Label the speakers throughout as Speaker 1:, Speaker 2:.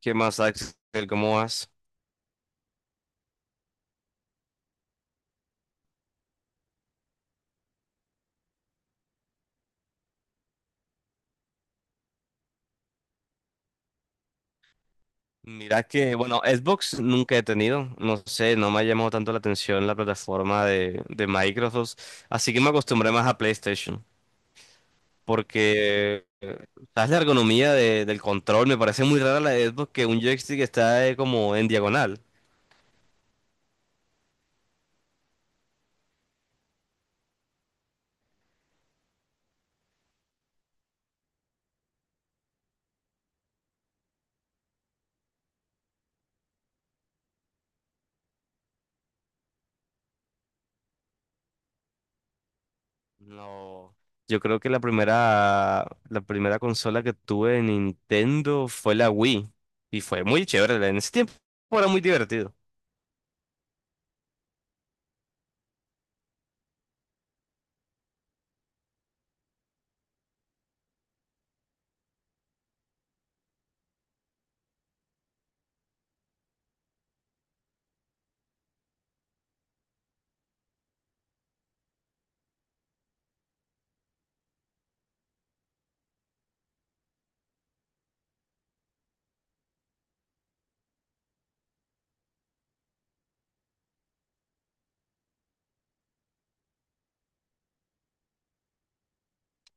Speaker 1: ¿Qué más, Axel? ¿Cómo vas? Mira que, bueno, Xbox nunca he tenido, no sé, no me ha llamado tanto la atención la plataforma de Microsoft, así que me acostumbré más a PlayStation, porque, ¿sabes? La ergonomía de- del control, me parece muy rara la de Xbox que un joystick está como en diagonal. No, yo creo que la primera consola que tuve de Nintendo fue la Wii, y fue muy chévere, en ese tiempo era muy divertido.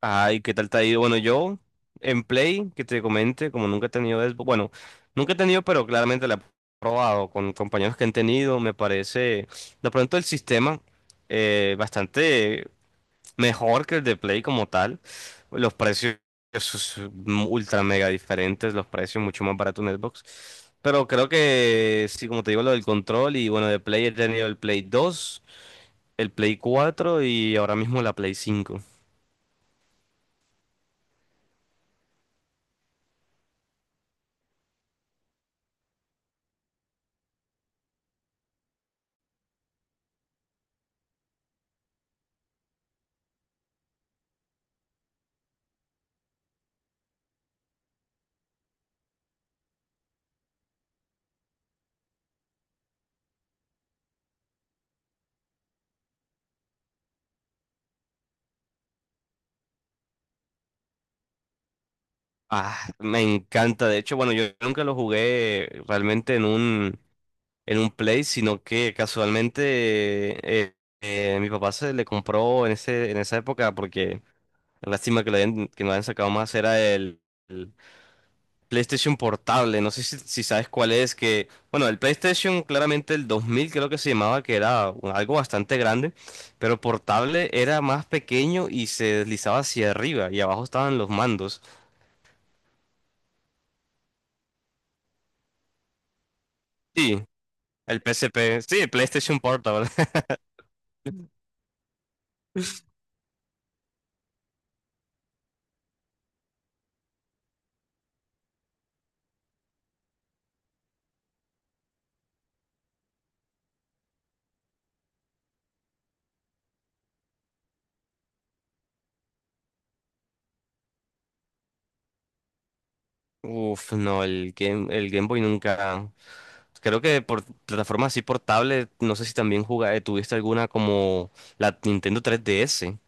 Speaker 1: Ay, ¿qué tal te ha ido? Bueno, yo en Play, que te comente, como nunca he tenido Xbox, bueno, nunca he tenido, pero claramente la he probado con compañeros que han tenido, me parece, de pronto el sistema bastante mejor que el de Play como tal, los precios sus- ultra mega diferentes, los precios mucho más baratos en Xbox, pero creo que sí, como te digo, lo del control y bueno, de Play he tenido el Play 2, el Play 4 y ahora mismo la Play 5. Ah, me encanta. De hecho, bueno, yo nunca lo jugué realmente en un Play, sino que casualmente eh, mi papá se le compró en esa época, porque lástima que lo hayan, que no hayan sacado más, era el PlayStation Portable. No sé si sabes cuál es, que, bueno, el PlayStation claramente el 2000 creo que se llamaba, que era un- algo bastante grande, pero portable era más pequeño y se deslizaba hacia arriba y abajo estaban los mandos. Sí. El P S P sí, el PlayStation Portable. Uf, no, el Game Boy nunca. Creo que por plataformas así portables, no sé si también jugaste, tuviste alguna como la Nintendo 3DS.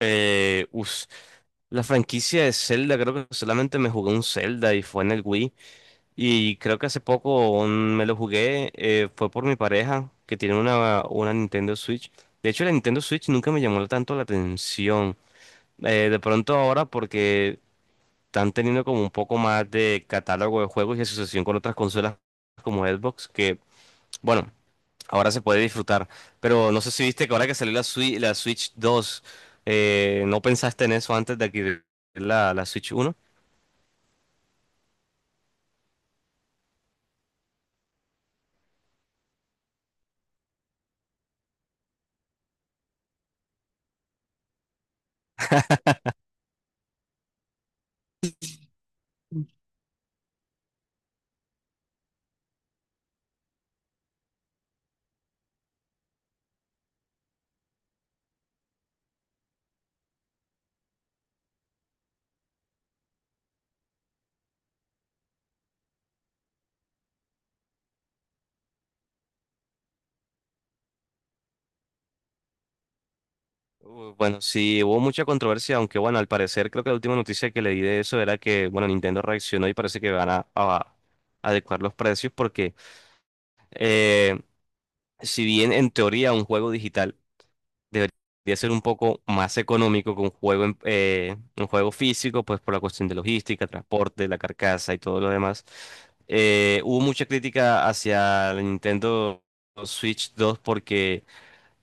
Speaker 1: Eh, uf, la franquicia de Zelda, creo que solamente me jugué un Zelda y fue en el Wii. Y creo que hace poco me lo jugué, fue por mi pareja, que tiene una Nintendo Switch. De hecho, la Nintendo Switch nunca me llamó tanto la atención. De pronto ahora, porque están teniendo como un poco más de catálogo de juegos y asociación con otras consolas como Xbox, que bueno, ahora se puede disfrutar. Pero no sé si viste que ahora que salió la Switch 2, ¿no pensaste en eso antes de adquirir la Switch uno? Bueno, sí, hubo mucha controversia, aunque bueno, al parecer creo que la última noticia que leí de eso era que, bueno, Nintendo reaccionó y parece que van a adecuar los precios porque eh, si bien en teoría un juego digital debería ser un poco más económico que un juego, en- un juego físico, pues por la cuestión de logística, transporte, la carcasa y todo lo demás. Hubo mucha crítica hacia la Nintendo Switch 2 porque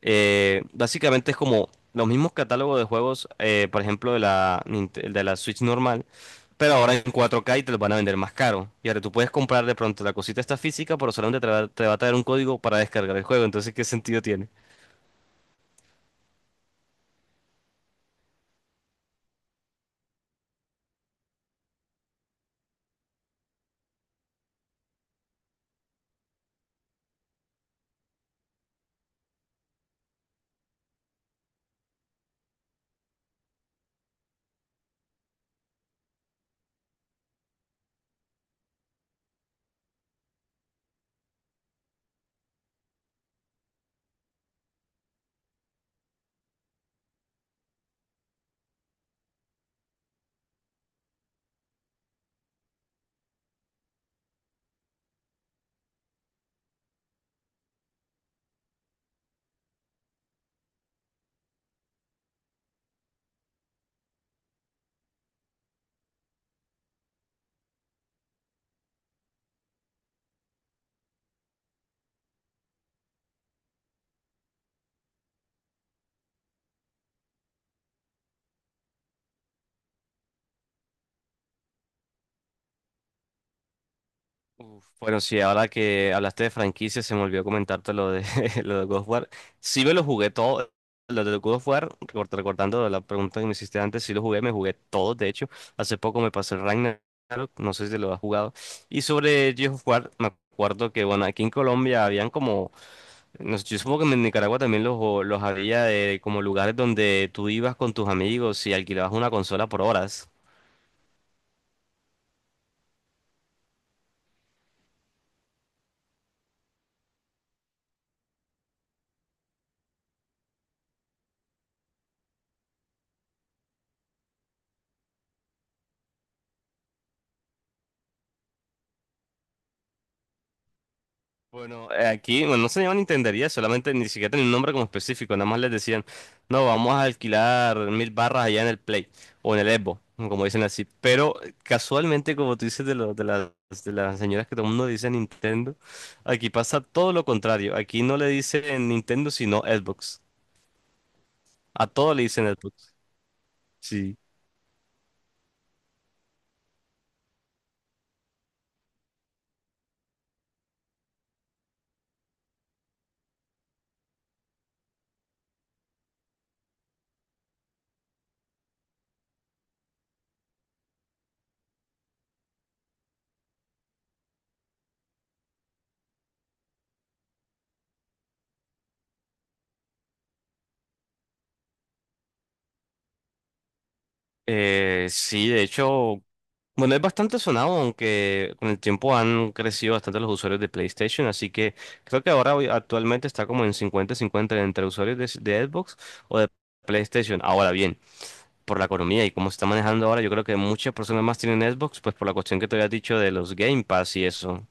Speaker 1: básicamente es como los mismos catálogos de juegos, por ejemplo, de la, Ninte- de la Switch normal. Pero ahora en 4K y te los van a vender más caro. Y ahora tú puedes comprar de pronto la cosita esta física, pero solamente te va a traer un código para descargar el juego. Entonces, ¿qué sentido tiene? Uf, bueno, sí, ahora que hablaste de franquicias, se me olvidó comentarte lo de, lo de God of War. Sí me lo jugué todo, lo de God of War, recor- recordando la pregunta que me hiciste antes, sí lo jugué, me jugué todo, de hecho. Hace poco me pasé el Ragnarok, no sé si lo has jugado. Y sobre God of War, me acuerdo que, bueno, aquí en Colombia habían como, no sé, yo supongo que en Nicaragua también los había de como lugares donde tú ibas con tus amigos y alquilabas una consola por horas. Bueno, aquí, bueno, no se llamaban intendería, solamente ni siquiera tenía un nombre como específico, nada más les decían, no, vamos a alquilar mil barras allá en el Play o en el Expo, como dicen así. Pero casualmente, como tú dices de, lo- de las señoras que todo el mundo dice Nintendo, aquí pasa todo lo contrario. Aquí no le dicen Nintendo, sino Xbox. A todo le dicen Xbox. Sí. Sí, de hecho, bueno, es bastante sonado, aunque con el tiempo han crecido bastante los usuarios de PlayStation, así que creo que ahora hoy- actualmente está como en 50-50 entre usuarios de Xbox o de PlayStation. Ahora bien, por la economía y cómo se está manejando ahora, yo creo que muchas personas más tienen Xbox, pues por la cuestión que te había dicho de los Game Pass y eso.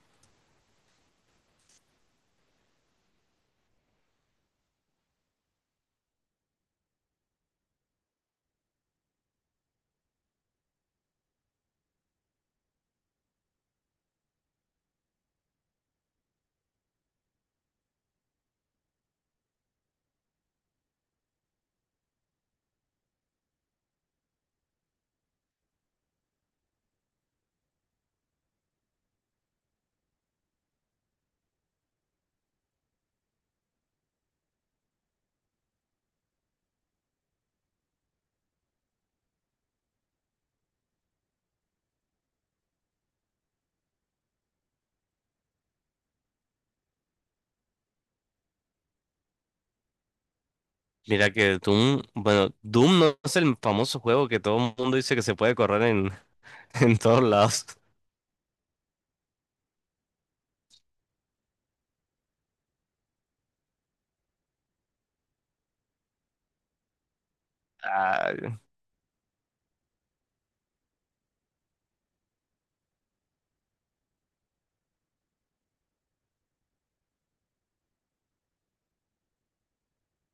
Speaker 1: Mira que Doom, bueno, Doom no es el famoso juego que todo el mundo dice que se puede correr en, en todos lados.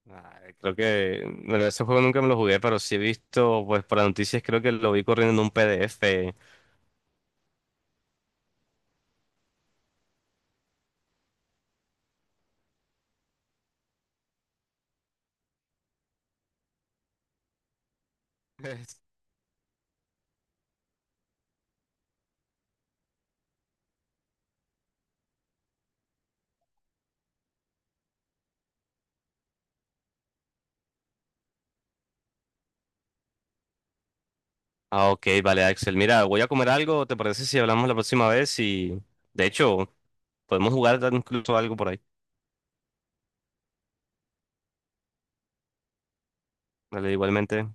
Speaker 1: Ah, creo que bueno, ese juego nunca me lo jugué, pero sí he visto, pues por las noticias creo que lo vi corriendo en un PDF. Ah, ok, vale, Axel. Mira, voy a comer algo, ¿te parece si hablamos la próxima vez? Y de hecho, podemos jugar incluso algo por ahí. Vale, igualmente.